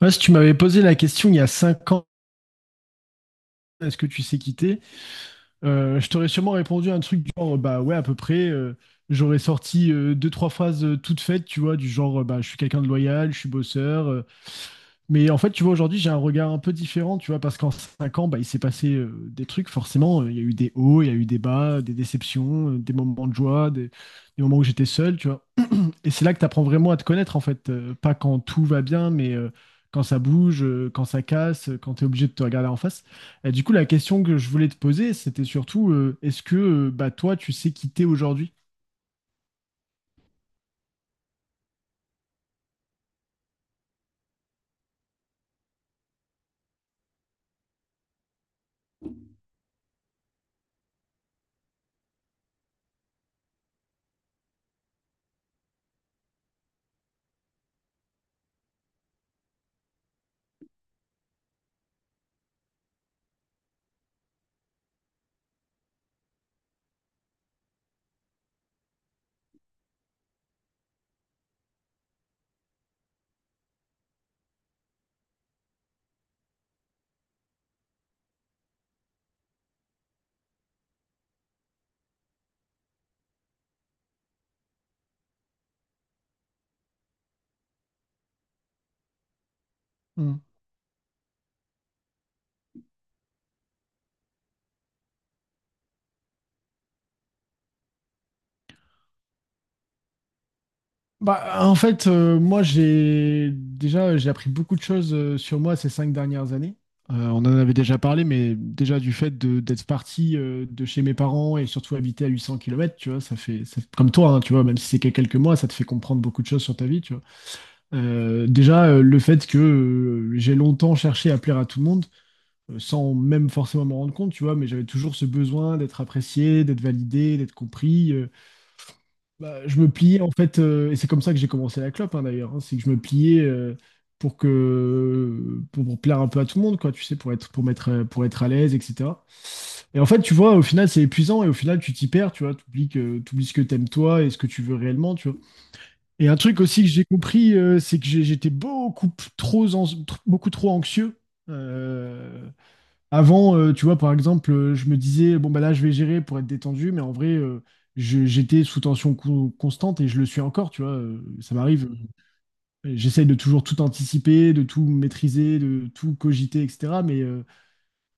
Moi, si tu m'avais posé la question il y a 5 ans, est-ce que tu sais quitter, je t'aurais sûrement répondu à un truc du genre, bah ouais, à peu près. J'aurais sorti deux, trois phrases toutes faites, tu vois, du genre, bah, je suis quelqu'un de loyal, je suis bosseur. Mais en fait, tu vois, aujourd'hui, j'ai un regard un peu différent, tu vois, parce qu'en 5 ans, bah, il s'est passé des trucs, forcément. Il y a eu des hauts, il y a eu des bas, des déceptions, des moments de joie, des moments où j'étais seul, tu vois. Et c'est là que tu apprends vraiment à te connaître, en fait. Pas quand tout va bien, mais quand ça bouge, quand ça casse, quand tu es obligé de te regarder en face. Et du coup, la question que je voulais te poser, c'était surtout, est-ce que bah, toi, tu sais qui t'es aujourd'hui? Hmm. Bah, en fait, moi, j'ai déjà j'ai appris beaucoup de choses sur moi ces 5 dernières années. On en avait déjà parlé, mais déjà du fait d'être parti de chez mes parents et surtout habiter à 800 km, tu vois, comme toi, hein, tu vois, même si c'est que quelques mois, ça te fait comprendre beaucoup de choses sur ta vie, tu vois. Déjà, le fait que j'ai longtemps cherché à plaire à tout le monde, sans même forcément m'en rendre compte, tu vois, mais j'avais toujours ce besoin d'être apprécié, d'être validé, d'être compris. Bah, je me pliais en fait, et c'est comme ça que j'ai commencé la clope, hein, d'ailleurs, hein, c'est que je me pliais pour plaire un peu à tout le monde, quoi, tu sais, pour être à l'aise, etc. Et en fait, tu vois, au final, c'est épuisant et au final, tu t'y perds, tu vois, t'oublies ce que t'aimes toi et ce que tu veux réellement, tu vois. Et un truc aussi que j'ai compris, c'est que j'étais beaucoup p- trop, ans- tr- beaucoup trop anxieux. Euh, Avant, tu vois, par exemple, je me disais, bon, bah là, je vais gérer pour être détendu, mais en vrai, j'étais sous tension constante et je le suis encore, tu vois. Ça m'arrive. J'essaye de toujours tout anticiper, de tout maîtriser, de tout cogiter, etc. Mais, euh,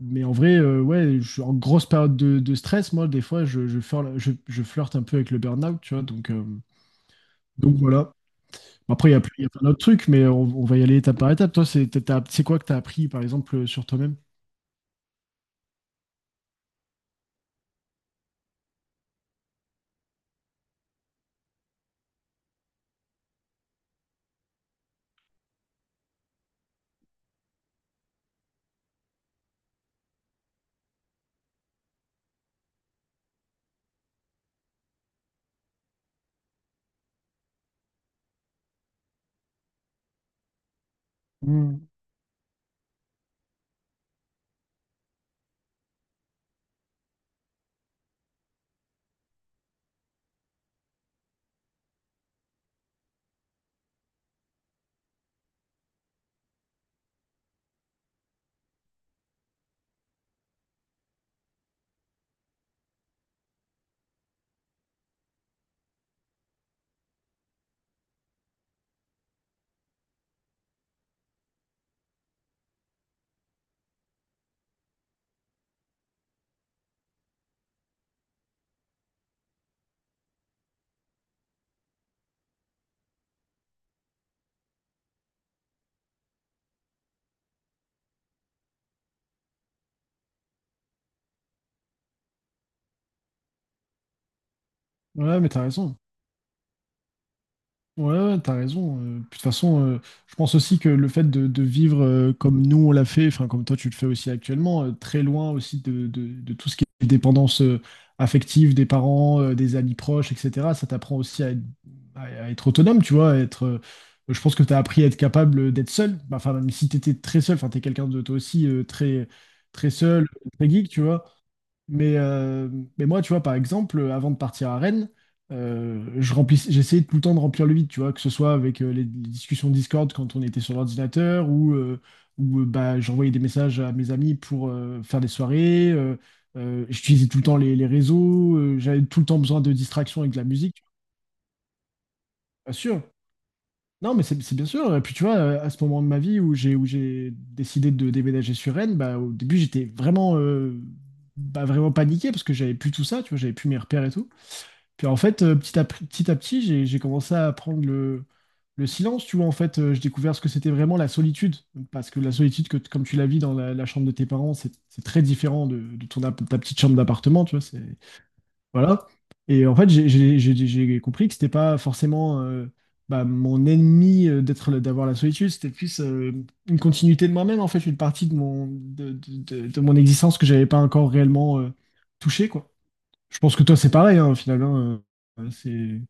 mais en vrai, ouais, je suis en grosse période de stress. Moi, des fois, je flirte un peu avec le burn-out, tu vois. Donc voilà. Après, il y a plein d'autres trucs, mais on va y aller étape par étape. Toi, c'est quoi que tu as appris, par exemple, sur toi-même? Hmm. Ouais, mais t'as raison. Ouais, ouais, t'as raison. Puis de toute façon, je pense aussi que le fait de vivre comme nous on l'a fait, enfin comme toi tu le fais aussi actuellement, très loin aussi de tout ce qui est dépendance affective des parents, des amis proches, etc. Ça t'apprend aussi à être autonome, tu vois, à être. Je pense que t'as appris à être capable d'être seul. Bah, enfin, même si t'étais très seul, enfin t'es quelqu'un de toi aussi très très seul, très geek, tu vois. Mais, euh, mais moi, tu vois, par exemple, avant de partir à Rennes, j'essayais tout le temps de remplir le vide, tu vois, que ce soit avec les discussions Discord quand on était sur l'ordinateur ou bah, j'envoyais des messages à mes amis pour faire des soirées. J'utilisais tout le temps les réseaux. J'avais tout le temps besoin de distraction avec de la musique, tu vois, bien sûr. Non, mais c'est bien sûr. Et puis tu vois, à ce moment de ma vie où j'ai décidé de déménager sur Rennes, bah, au début j'étais vraiment paniqué parce que j'avais plus tout ça, tu vois, j'avais plus mes repères et tout. Puis en fait, petit à petit, j'ai commencé à prendre le silence, tu vois. En fait, j'ai découvert ce que c'était vraiment la solitude. Parce que la solitude, comme tu la vis dans la chambre de tes parents, c'est très différent de ta petite chambre d'appartement, tu vois. C'est voilà. Et en fait, j'ai compris que c'était pas forcément bah, mon ennemi d'avoir la solitude, c'était plus une continuité de moi-même, en fait, une partie de mon existence que j'avais pas encore réellement touchée, quoi. Je pense que toi, c'est pareil, hein, au final. Hein, c'est...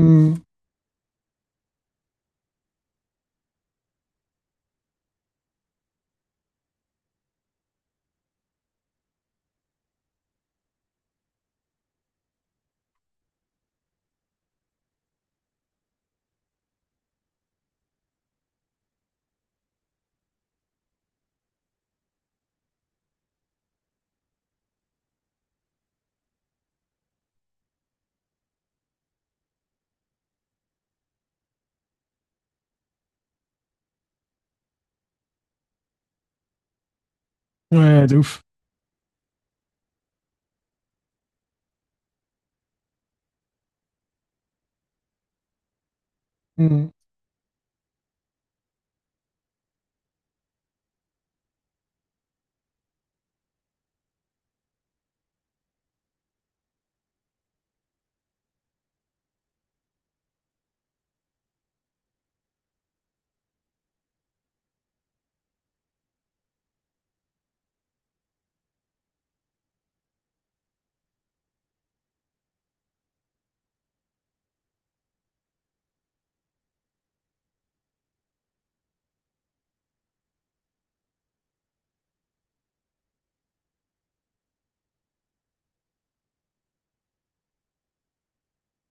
Mm. Ouais, de ouf. Mmh.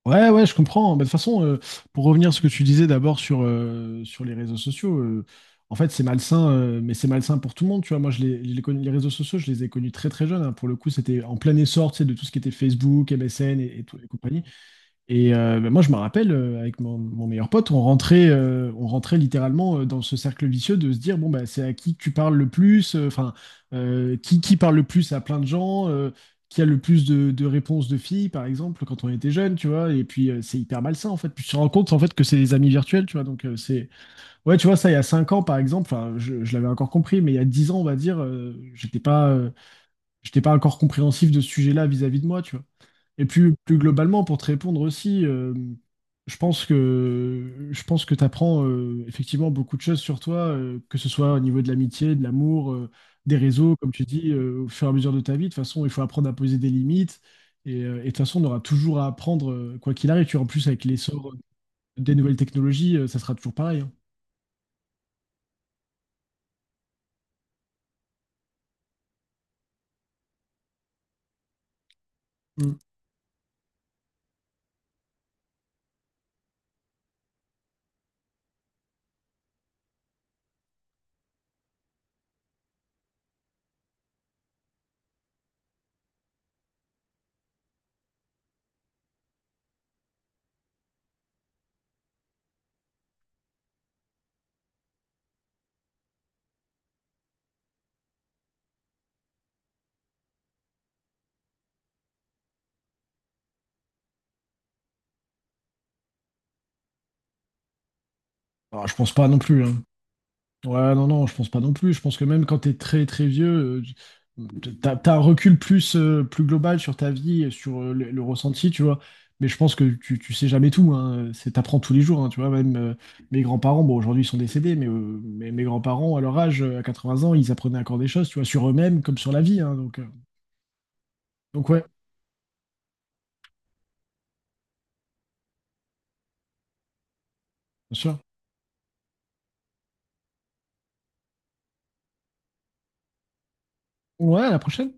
Ouais, ouais, je comprends. Bah, de toute façon, pour revenir à ce que tu disais d'abord sur les réseaux sociaux, en fait, c'est malsain, mais c'est malsain pour tout le monde. Tu vois, moi, les réseaux sociaux, je les ai connus très, très jeunes. Hein. Pour le coup, c'était en plein essor, tu sais, de tout ce qui était Facebook, MSN et compagnie. Et bah, moi, je me rappelle, avec mon meilleur pote, on rentrait littéralement dans ce cercle vicieux de se dire, bon, bah, c'est à qui tu parles le plus, enfin, qui parle le plus à plein de gens, qui a le plus de réponses de filles, par exemple, quand on était jeune, tu vois, et puis c'est hyper malsain, en fait. Puis tu te rends compte, en fait, que c'est des amis virtuels, tu vois, donc c'est... Ouais, tu vois, ça, il y a 5 ans, par exemple, enfin, je l'avais encore compris, mais il y a 10 ans, on va dire, j'étais pas encore compréhensif de ce sujet-là vis-à-vis de moi, tu vois. Et plus globalement, pour te répondre aussi, je pense que tu apprends effectivement beaucoup de choses sur toi, que ce soit au niveau de l'amitié, de l'amour, des réseaux, comme tu dis, au fur et à mesure de ta vie. De toute façon, il faut apprendre à poser des limites. Et de toute façon, on aura toujours à apprendre, quoi qu'il arrive. Tu vois, en plus, avec l'essor des nouvelles technologies, ça sera toujours pareil. Hein. Mm. Alors, je pense pas non plus. Hein. Ouais, non, non, je pense pas non plus. Je pense que même quand t'es très très vieux, euh, t'as un recul plus global sur ta vie et sur le ressenti, tu vois. Mais je pense que tu sais jamais tout, hein. C'est, t'apprends tous les jours, hein, tu vois. Même mes, grands-parents, bon, aujourd'hui ils sont décédés, mais mes grands-parents, à leur âge, à 80 ans, ils apprenaient encore des choses, tu vois, sur eux-mêmes comme sur la vie, hein. Donc ouais, bien sûr. Ouais, à la prochaine.